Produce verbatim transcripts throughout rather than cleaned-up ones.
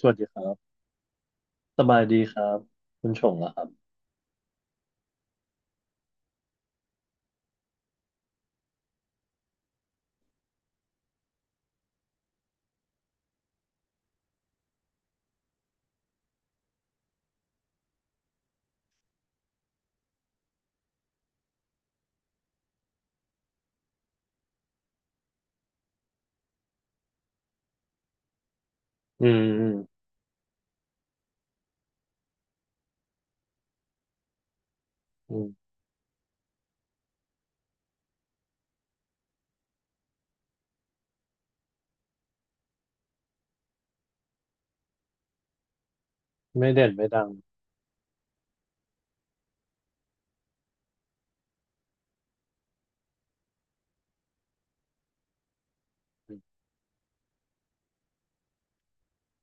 สวัสดีครับสบายดีครับคุณชงเหรอครับอืมอืมอืมไม่เด่นไม่ดัง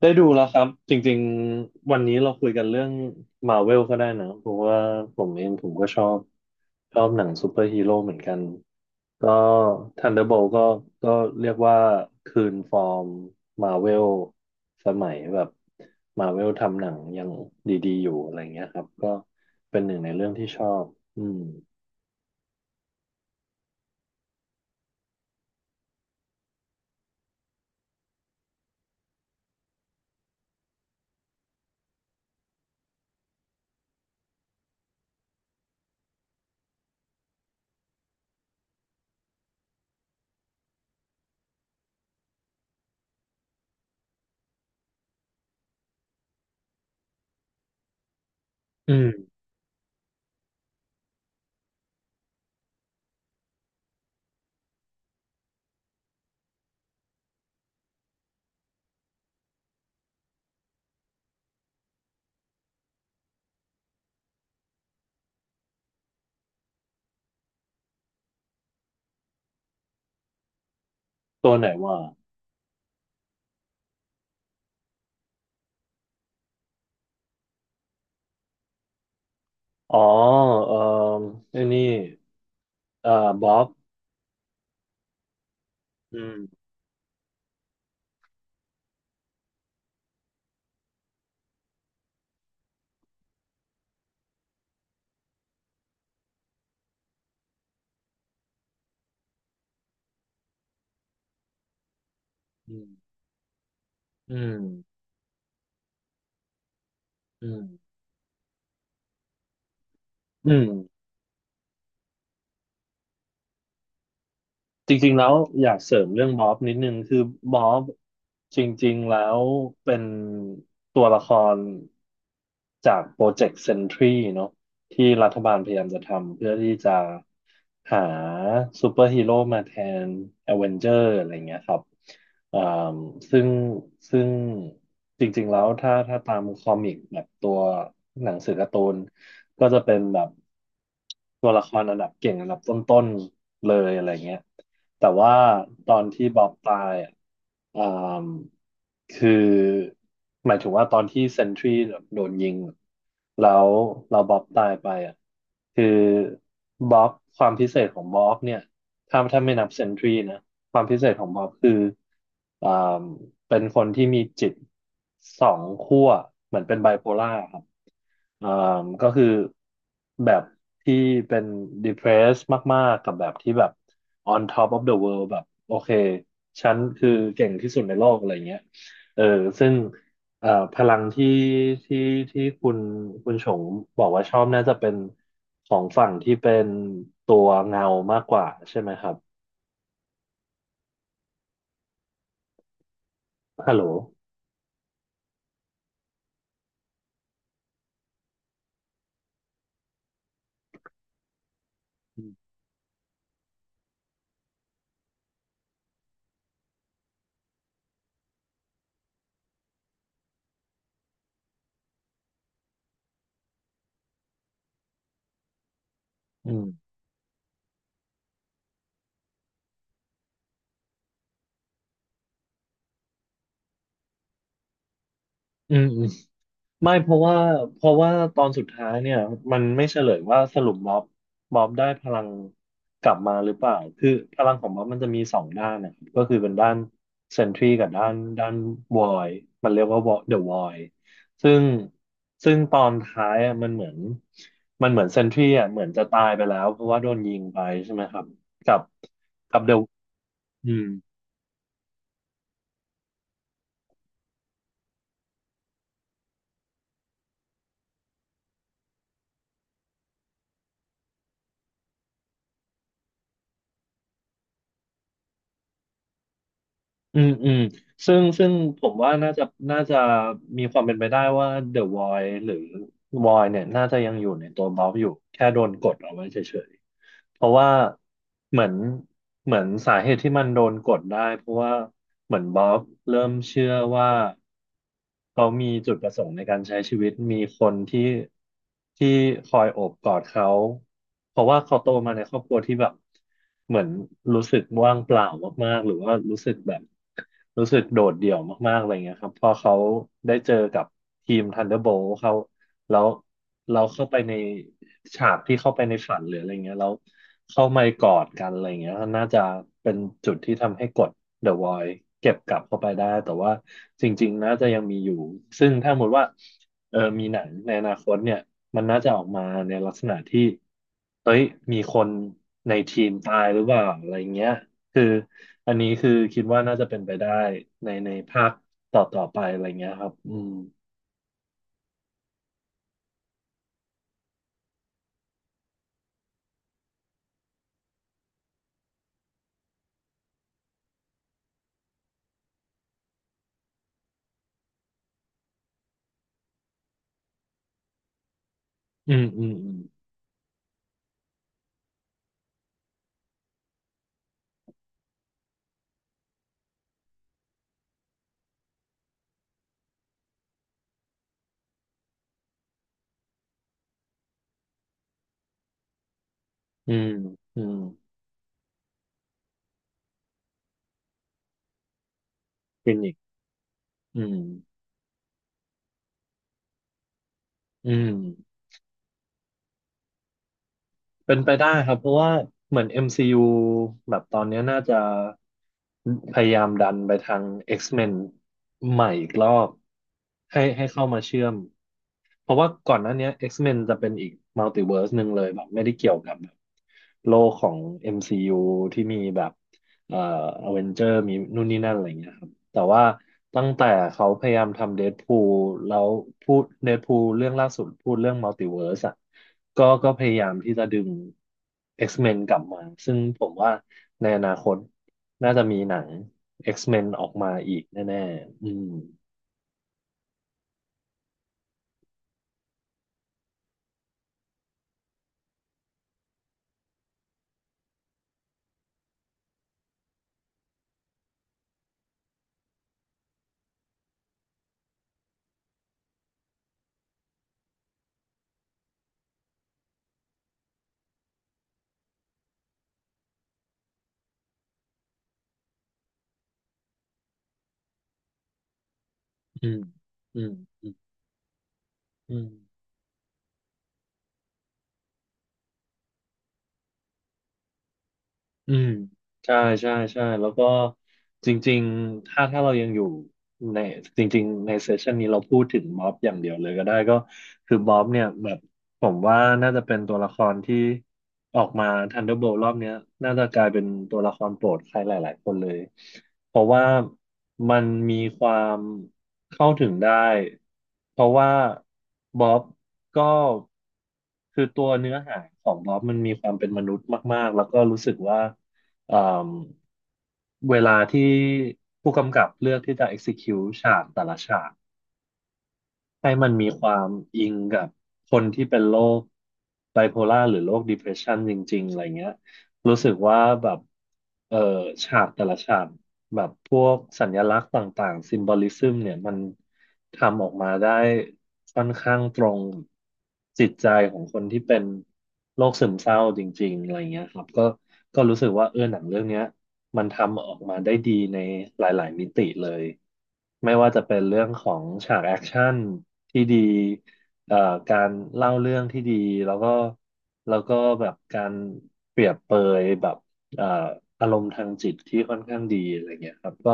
ได้ดูแล้วครับจริงๆวันนี้เราคุยกันเรื่องมาเวลก็ได้นะเพราะว่าผมเองผมก็ชอบชอบหนังซูเปอร์ฮีโร่เหมือนกันก็ Thunderbolt ก็ก็เรียกว่าคืนฟอร์มมาเวลสมัยแบบมาเวลทำหนังยังดีๆอยู่อะไรเงี้ยครับก็เป็นหนึ่งในเรื่องที่ชอบอืมอืมตัวไหนว่า อ๋อเออไอ้นี่เอ่อบ๊อบอืมอืมอืมอืมอืมจริงๆแล้วอยากเสริมเรื่องบ๊อบนิดนึงคือบ๊อบจริงๆแล้วเป็นตัวละครจากโปรเจกต์เซนทรีเนาะที่รัฐบาลพยายามจะทำเพื่อที่จะหาซูเปอร์ฮีโร่มาแทน a อเวนเจอร์อะไรเงี้ยครับ เอ่อซึ่งซึ่งจริงๆแล้วถ้าถ้าตามคอมิกแบบตัวหนังสือการ์ตูนก็จะเป็นแบบตัวละครอันดับเก่งอันดับต้นๆเลยอะไรเงี้ยแต่ว่าตอนที่บ๊อบตายอ่ะอ่ามคือหมายถึงว่าตอนที่เซนทรีโดนยิงแล้วเราบ๊อบตายไปอ่ะคือบ๊อบความพิเศษของบ๊อบเนี่ยถ้าถ้าไม่นับเซนทรีนะ ความพิเศษของบ๊อบคืออ่าเป็นคนที่มีจิตสองขั้วเหมือนเป็นไบโพล่าครับอ่าก็คือแบบที่เป็น depressed มากๆกับแบบที่แบบ on top of the world แบบโอเคฉันคือเก่งที่สุดในโลกอะไรเงี้ยเออซึ่งเอ่อพลังที่ที่ที่คุณคุณชงบอกว่าชอบน่าจะเป็นของฝั่งที่เป็นตัวเงามากกว่าใช่ไหมครับฮัลโหล อืมอืมอืมไม่เพราะว่าเพราะว่าตอนสุดท้ายเนี่ยมันไม่เฉลยว่าสรุปม็อบม็อบได้พลังกลับมาหรือเปล่าคือพลังของม็อบมันจะมีสองด้านนะครับก็คือเป็นด้านเซนทรีกับด้านด้านวอยมันเรียกว่าวอเดอะวอยซึ่งซึ่งตอนท้ายอ่ะมันเหมือนมันเหมือนเซนทรีอ่ะเหมือนจะตายไปแล้วเพราะว่าโดนยิงไปใช่ไหมครับกับกับเดอะ อืมอืมซึ่งซึ่งผมว่าน่าจะน่าจะมีความเป็นไปได้ว่า The Void หรือ Void เนี่ยน่าจะยังอยู่ในตัวบ๊อบอยู่แค่โดนกดเอาไว้เฉยๆเพราะว่าเหมือนเหมือนสาเหตุที่มันโดนกดได้เพราะว่าเหมือนบ๊อบเริ่มเชื่อว่าเขามีจุดประสงค์ในการใช้ชีวิตมีคนที่ที่คอยโอบกอดเขาเพราะว่าเขาโตมาในครอบครัวที่แบบ เหมือนรู้สึกว่างเปล่ามากๆ หรือว่ารู้สึกแบบรู้สึกโดดเดี่ยวมากๆอะไรเงี้ยครับพอเขาได้เจอกับทีม Thunderbolt เขาแล้วเราเข้าไปในฉากที่เข้าไปในฝันหรืออะไรเงี้ยแล้วเข้ามากอดกันอะไรเงี้ยน่าจะเป็นจุดที่ทำให้กด The Void เก็บกลับเข้าไปได้แต่ว่าจริงๆ น่าจะยังมีอยู่ซึ่งถ้าสมมติว่าเออมีหนังในอนาคตเนี่ย มันน่าจะออกมาในลักษณะที่เฮ้ยมีคนในทีมตายหรือเปล่าอะไรเงี้ย คืออันนี้คือคิดว่าน่าจะเป็นไปได้ในในภาคต่อต่อไปอะไรเงี้ยครับ อืม อืม อืม อืม อืม อืมเป็นอกอืมอืม เป็นไปได้ครับเพราะว่าเหมือน เอ็ม ซี ยู แบบตอนเนี้ยน่าจะพยายามดันไปทาง X-Men ใหม่อีกรอบให้ให้เข้ามาเชื่อมเพราะว่าก่อนหน้าเนี้ย X-Men จะเป็นอีกมัลติเวิร์สหนึ่งเลยแบบไม่ได้เกี่ยวกับแบบโลกของ เอ็ม ซี ยู ที่มีแบบเอ่ออเวนเจอร์มีนู่นนี่นั่นอะไรเงี้ยครับ แต่ว่าตั้งแต่เขาพยายามทำเดดพูลแล้วพูดเดดพูลเรื่องล่าสุดพูดเรื่องมัลติเวิร์สอ่ะก็ก็พยายามที่จะดึง X-Men กลับมาซึ่งผมว่าในอนาคตน่าจะมีหนัง X-Men ออกมาอีกแน่ๆอืมอืมอืมอืมอืม อืมใช่ใช่ใช่แล้วก็จริงๆ ถ้าถ้าเรายังอยู่ในจริงๆในเซสชันนี้เราพูดถึงม็อบอย่างเดียวเลยก็ได้ก็คือม็อบเนี่ยแบบผมว่าน่าจะเป็นตัวละครที่ออกมา Thunderbolt รอบเนี้ยน่าจะกลายเป็นตัวละครโปรดใครหลายๆคนเลย เพราะว่ามันมีความเข้าถึงได้เพราะว่าบ๊อบก็คือตัวเนื้อหาของบ๊อบมันมีความเป็นมนุษย์มากๆแล้วก็รู้สึกว่าเอ่มเวลาที่ผู้กำกับเลือกที่จะ execute ฉากแต่ละฉาก ให้มันมีความอิงกับคนที่เป็นโรคไบโพล่าหรือโรค depression จริงๆอะไรเงี้ยรู้สึกว่าแบบเออฉากแต่ละฉากแบบพวกสัญลักษณ์ต่างๆซิมบอลิซึมเนี่ยมันทำออกมาได้ค่อนข้างตรงจิตใจของคนที่เป็นโรคซึมเศร้าจริงๆอะไรเงี้ยครับก็ก็รู้สึกว่าเออหนังเรื่องเนี้ย มันทำออกมาได้ดีในหลาย ๆ มิติเลย ไม่ว่าจะเป็นเรื่องของฉากแอคชั่นที่ดีเอ่อการเล่าเรื่องที่ดีแล้วก็แล้วก็แบบการเปรียบเปยแบบเอ่ออารมณ์ทางจิตที่ค่อนข้างดีอะไรเงี้ยครับก็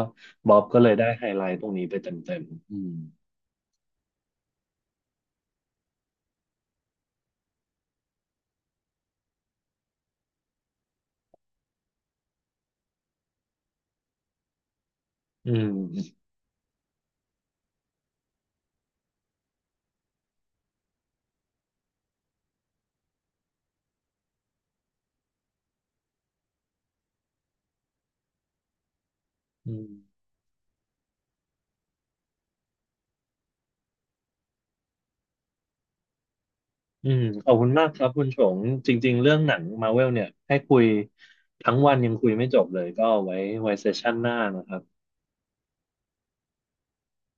บ๊อบก็เลยได้ไฮไลท์ตรงนี้ไปเต็มๆอืมอืมอืมอืมขอบคุณมากครับคุณชงจริง ๆ เรื่องหนังมาเวลเนี่ยให้คุยทั้งวันยังคุยไม่จบเลยก็เอาไว้ไว้เซสชั่นหน้านะครับ